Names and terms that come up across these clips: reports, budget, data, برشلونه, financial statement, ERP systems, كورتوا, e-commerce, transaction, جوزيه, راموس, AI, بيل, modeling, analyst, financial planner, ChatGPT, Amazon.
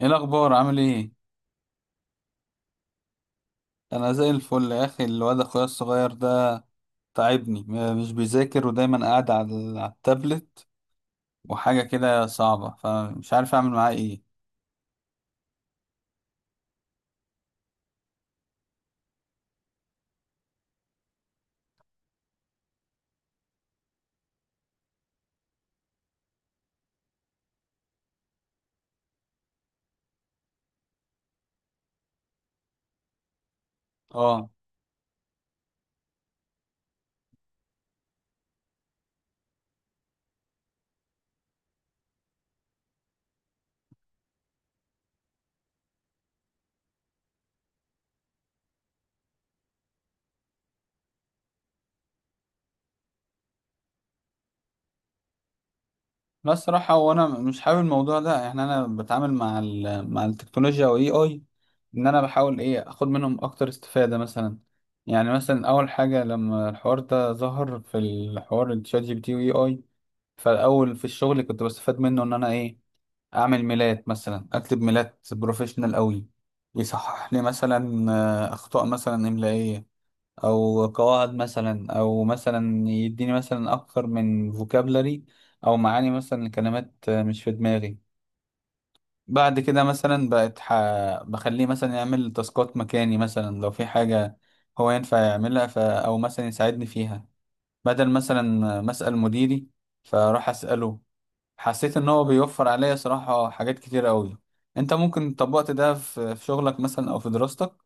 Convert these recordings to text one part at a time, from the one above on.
ايه الاخبار؟ عامل ايه؟ انا زي الفل يا اخي. الواد اخويا الصغير ده تعبني. مش بيذاكر، ودايما قاعد على على التابلت وحاجه كده صعبه، فمش عارف اعمل معاه ايه. اه، بس الصراحه هو انا مش حابب الموضوع ده. يعني انا بتعامل مع مع التكنولوجيا واي اي اي، ان انا بحاول ايه، اخد منهم اكتر استفاده مثلا. يعني مثلا اول حاجه لما الحوار ده ظهر، في الحوار الشات جي بي تي واي اي، فالاول في الشغل كنت بستفاد منه، ان انا ايه، اعمل ميلاد مثلا، اكتب ميلاد بروفيشنال قوي، يصحح لي مثلا اخطاء مثلا املائيه او قواعد، مثلا او مثلا يديني مثلا اكتر من فوكابلري، او معاني مثلا لكلمات مش في دماغي. بعد كده مثلا بخليه مثلا يعمل تاسكات مكاني، مثلا لو في حاجه هو ينفع يعملها او مثلا يساعدني فيها، بدل مثلا ما اسال مديري فاروح اساله. حسيت ان هو بيوفر عليا صراحة حاجات كتير قوي. انت ممكن طبقت ده في شغلك مثلا او في دراستك؟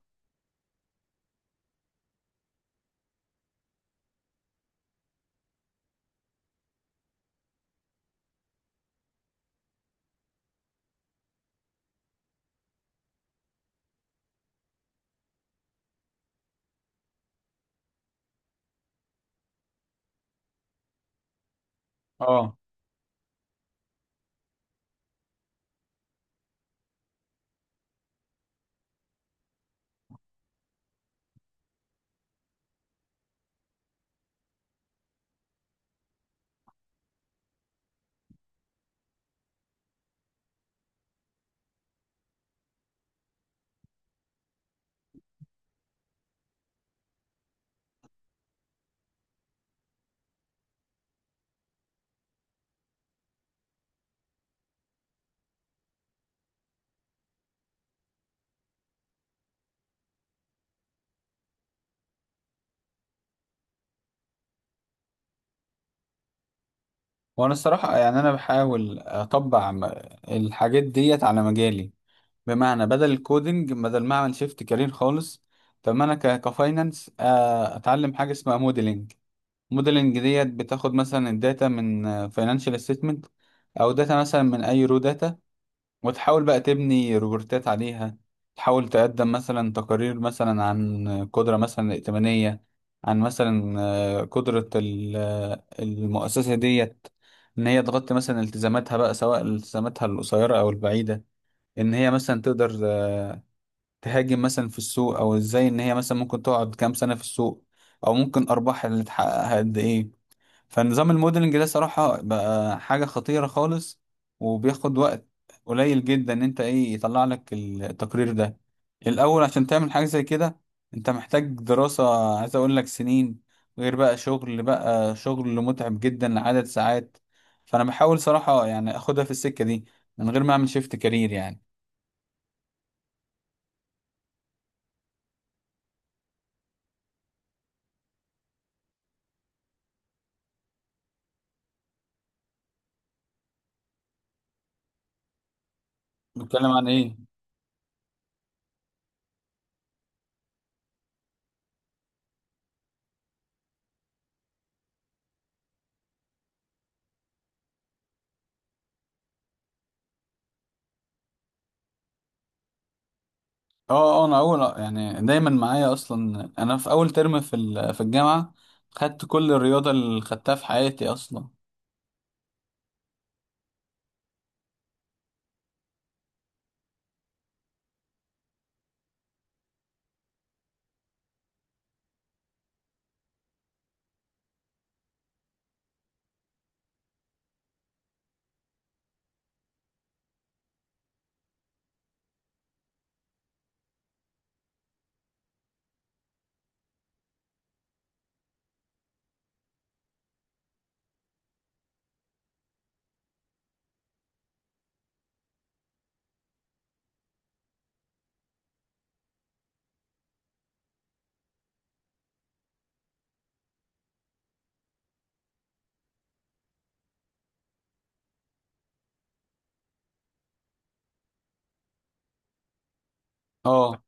اه، وانا الصراحة يعني انا بحاول اطبق الحاجات ديت على مجالي. بمعنى بدل الكودينج، بدل ما اعمل شيفت كارير خالص، فما انا كفاينانس اتعلم حاجة اسمها موديلنج. موديلنج ديت بتاخد مثلا الداتا من فاينانشال ستيتمنت، او داتا مثلا من اي رو داتا، وتحاول بقى تبني روبورتات عليها. تحاول تقدم مثلا تقارير مثلا عن قدرة مثلا ائتمانية، عن مثلا قدرة المؤسسة ديت، إن هي تغطي مثلا التزاماتها بقى، سواء التزاماتها القصيرة أو البعيدة، إن هي مثلا تقدر تهاجم مثلا في السوق، أو إزاي إن هي مثلا ممكن تقعد كام سنة في السوق، أو ممكن أرباحها اللي تحققها قد إيه. فنظام الموديلنج ده صراحة بقى حاجة خطيرة خالص، وبياخد وقت قليل جدا ان انت ايه، يطلع لك التقرير ده. الاول عشان تعمل حاجة زي كده انت محتاج دراسة، عايز اقول لك سنين، غير بقى شغل، بقى شغل متعب جدا لعدد ساعات. فانا بحاول صراحة يعني اخدها في السكة دي من غير ما اعمل شيفت كارير يعني. بتكلم عن ايه؟ اه انا اول، يعني دايما معايا اصلا، انا في اول ترم في في الجامعه خدت كل الرياضه اللي خدتها في حياتي اصلا. اه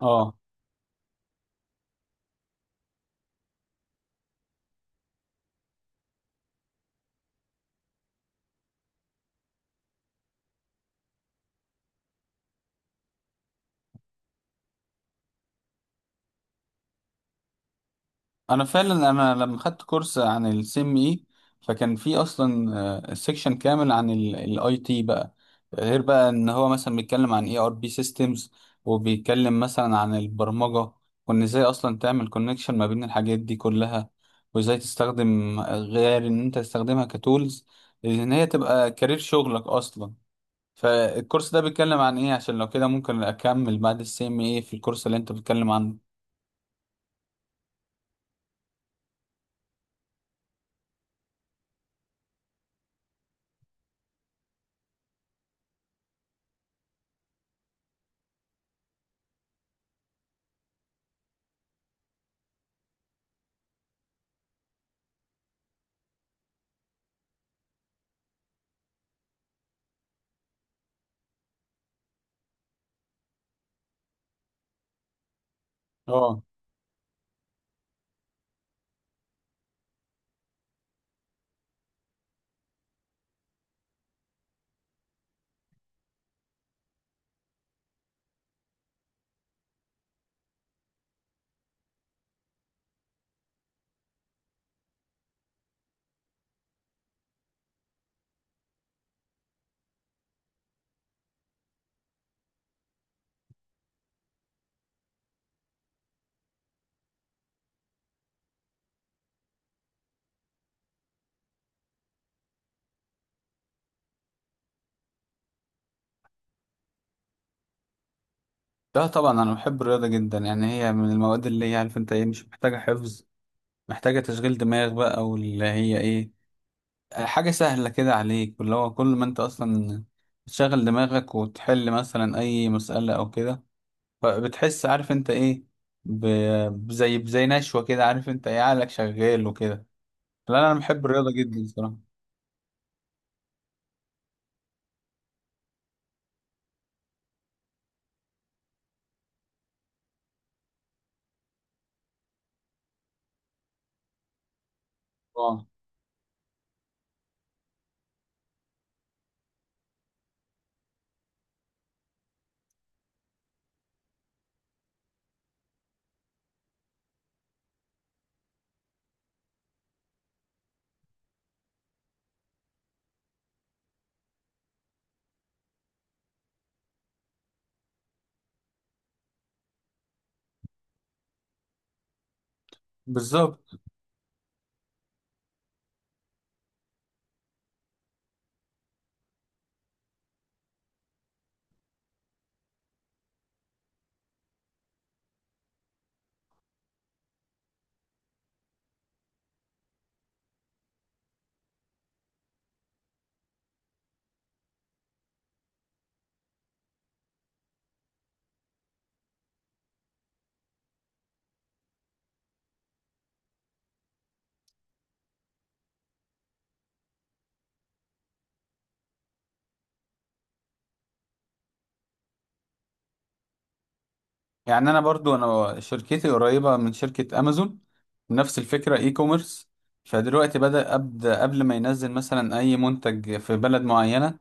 اه انا فعلا، انا لما خدت كورس عن السي ام اي فكان في اصلا سيكشن كامل عن الاي تي بقى، غير بقى ان هو مثلا بيتكلم عن اي ار بي سيستمز، وبيتكلم مثلا عن البرمجه، وان ازاي اصلا تعمل كونكشن ما بين الحاجات دي كلها، وازاي تستخدم، غير ان انت تستخدمها كتولز، ان هي تبقى كارير شغلك اصلا. فالكورس ده بيتكلم عن ايه؟ عشان لو كده ممكن اكمل بعد السي ام اي في الكورس اللي انت بتتكلم عنه. اه، لا طبعا انا بحب الرياضه جدا. يعني هي من المواد اللي هي، عارف انت ايه، مش محتاجه حفظ، محتاجه تشغيل دماغ بقى، واللي هي ايه، حاجه سهله كده عليك، واللي هو كل ما انت اصلا بتشغل دماغك وتحل مثلا اي مساله او كده، فبتحس، عارف انت ايه، بزي نشوه كده، عارف انت ايه، عقلك شغال وكده. لا لا، انا بحب الرياضه جدا صراحه. اه بالظبط. يعني انا برضو انا شركتي قريبه من شركه امازون، نفس الفكره اي كوميرس. فدلوقتي ابدا قبل ما ينزل مثلا اي منتج في بلد معينه،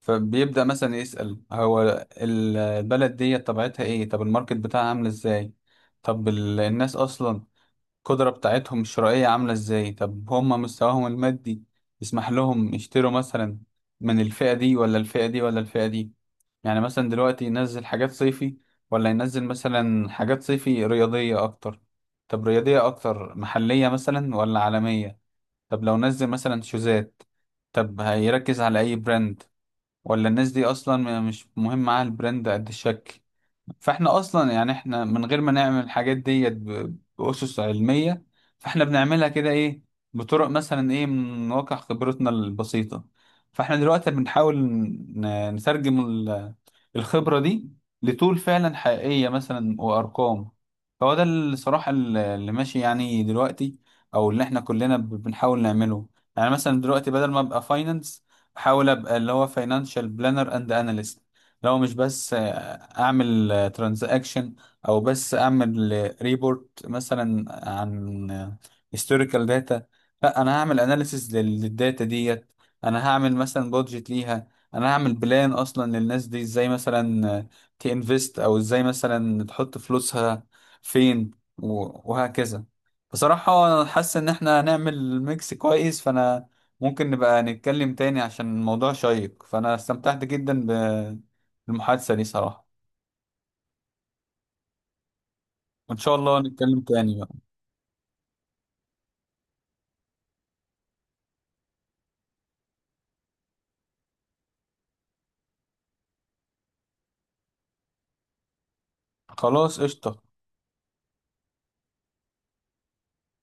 فبيبدا مثلا يسال هو البلد دي طبيعتها ايه، طب الماركت بتاعها عامل ازاي، طب الناس اصلا القدره بتاعتهم الشرائيه عامله ازاي، طب هم مستواهم المادي يسمح لهم يشتروا مثلا من الفئه دي ولا الفئه دي ولا الفئه دي. يعني مثلا دلوقتي ينزل حاجات صيفي، ولا ينزل مثلا حاجات صيفي رياضية أكتر، طب رياضية أكتر محلية مثلا ولا عالمية، طب لو نزل مثلا شوزات طب هيركز على أي براند، ولا الناس دي أصلا مش مهم معاها البراند قد الشكل. فإحنا أصلا يعني إحنا من غير ما نعمل الحاجات ديت بأسس علمية، فإحنا بنعملها كده إيه، بطرق مثلا إيه، من واقع خبرتنا البسيطة. فإحنا دلوقتي بنحاول نترجم الخبرة دي لطول فعلا حقيقية مثلا وأرقام. فهو ده الصراحة اللي ماشي يعني دلوقتي، أو اللي احنا كلنا بنحاول نعمله. يعني مثلا دلوقتي بدل ما أبقى فاينانس، أحاول أبقى اللي هو فاينانشال بلانر أند أناليست. لو مش بس أعمل ترانزاكشن، أو بس أعمل ريبورت مثلا عن هيستوريكال داتا، لا أنا هعمل أناليسيس للداتا ديت، أنا هعمل مثلا بودجت ليها، انا هعمل بلان اصلا للناس دي ازاي مثلا تنفست، او ازاي مثلا تحط فلوسها فين، وهكذا. بصراحة حاسس ان احنا هنعمل ميكس كويس، فانا ممكن نبقى نتكلم تاني عشان الموضوع شيق. فانا استمتعت جدا بالمحادثة دي صراحة، وان شاء الله نتكلم تاني بقى. خلاص، قشطة.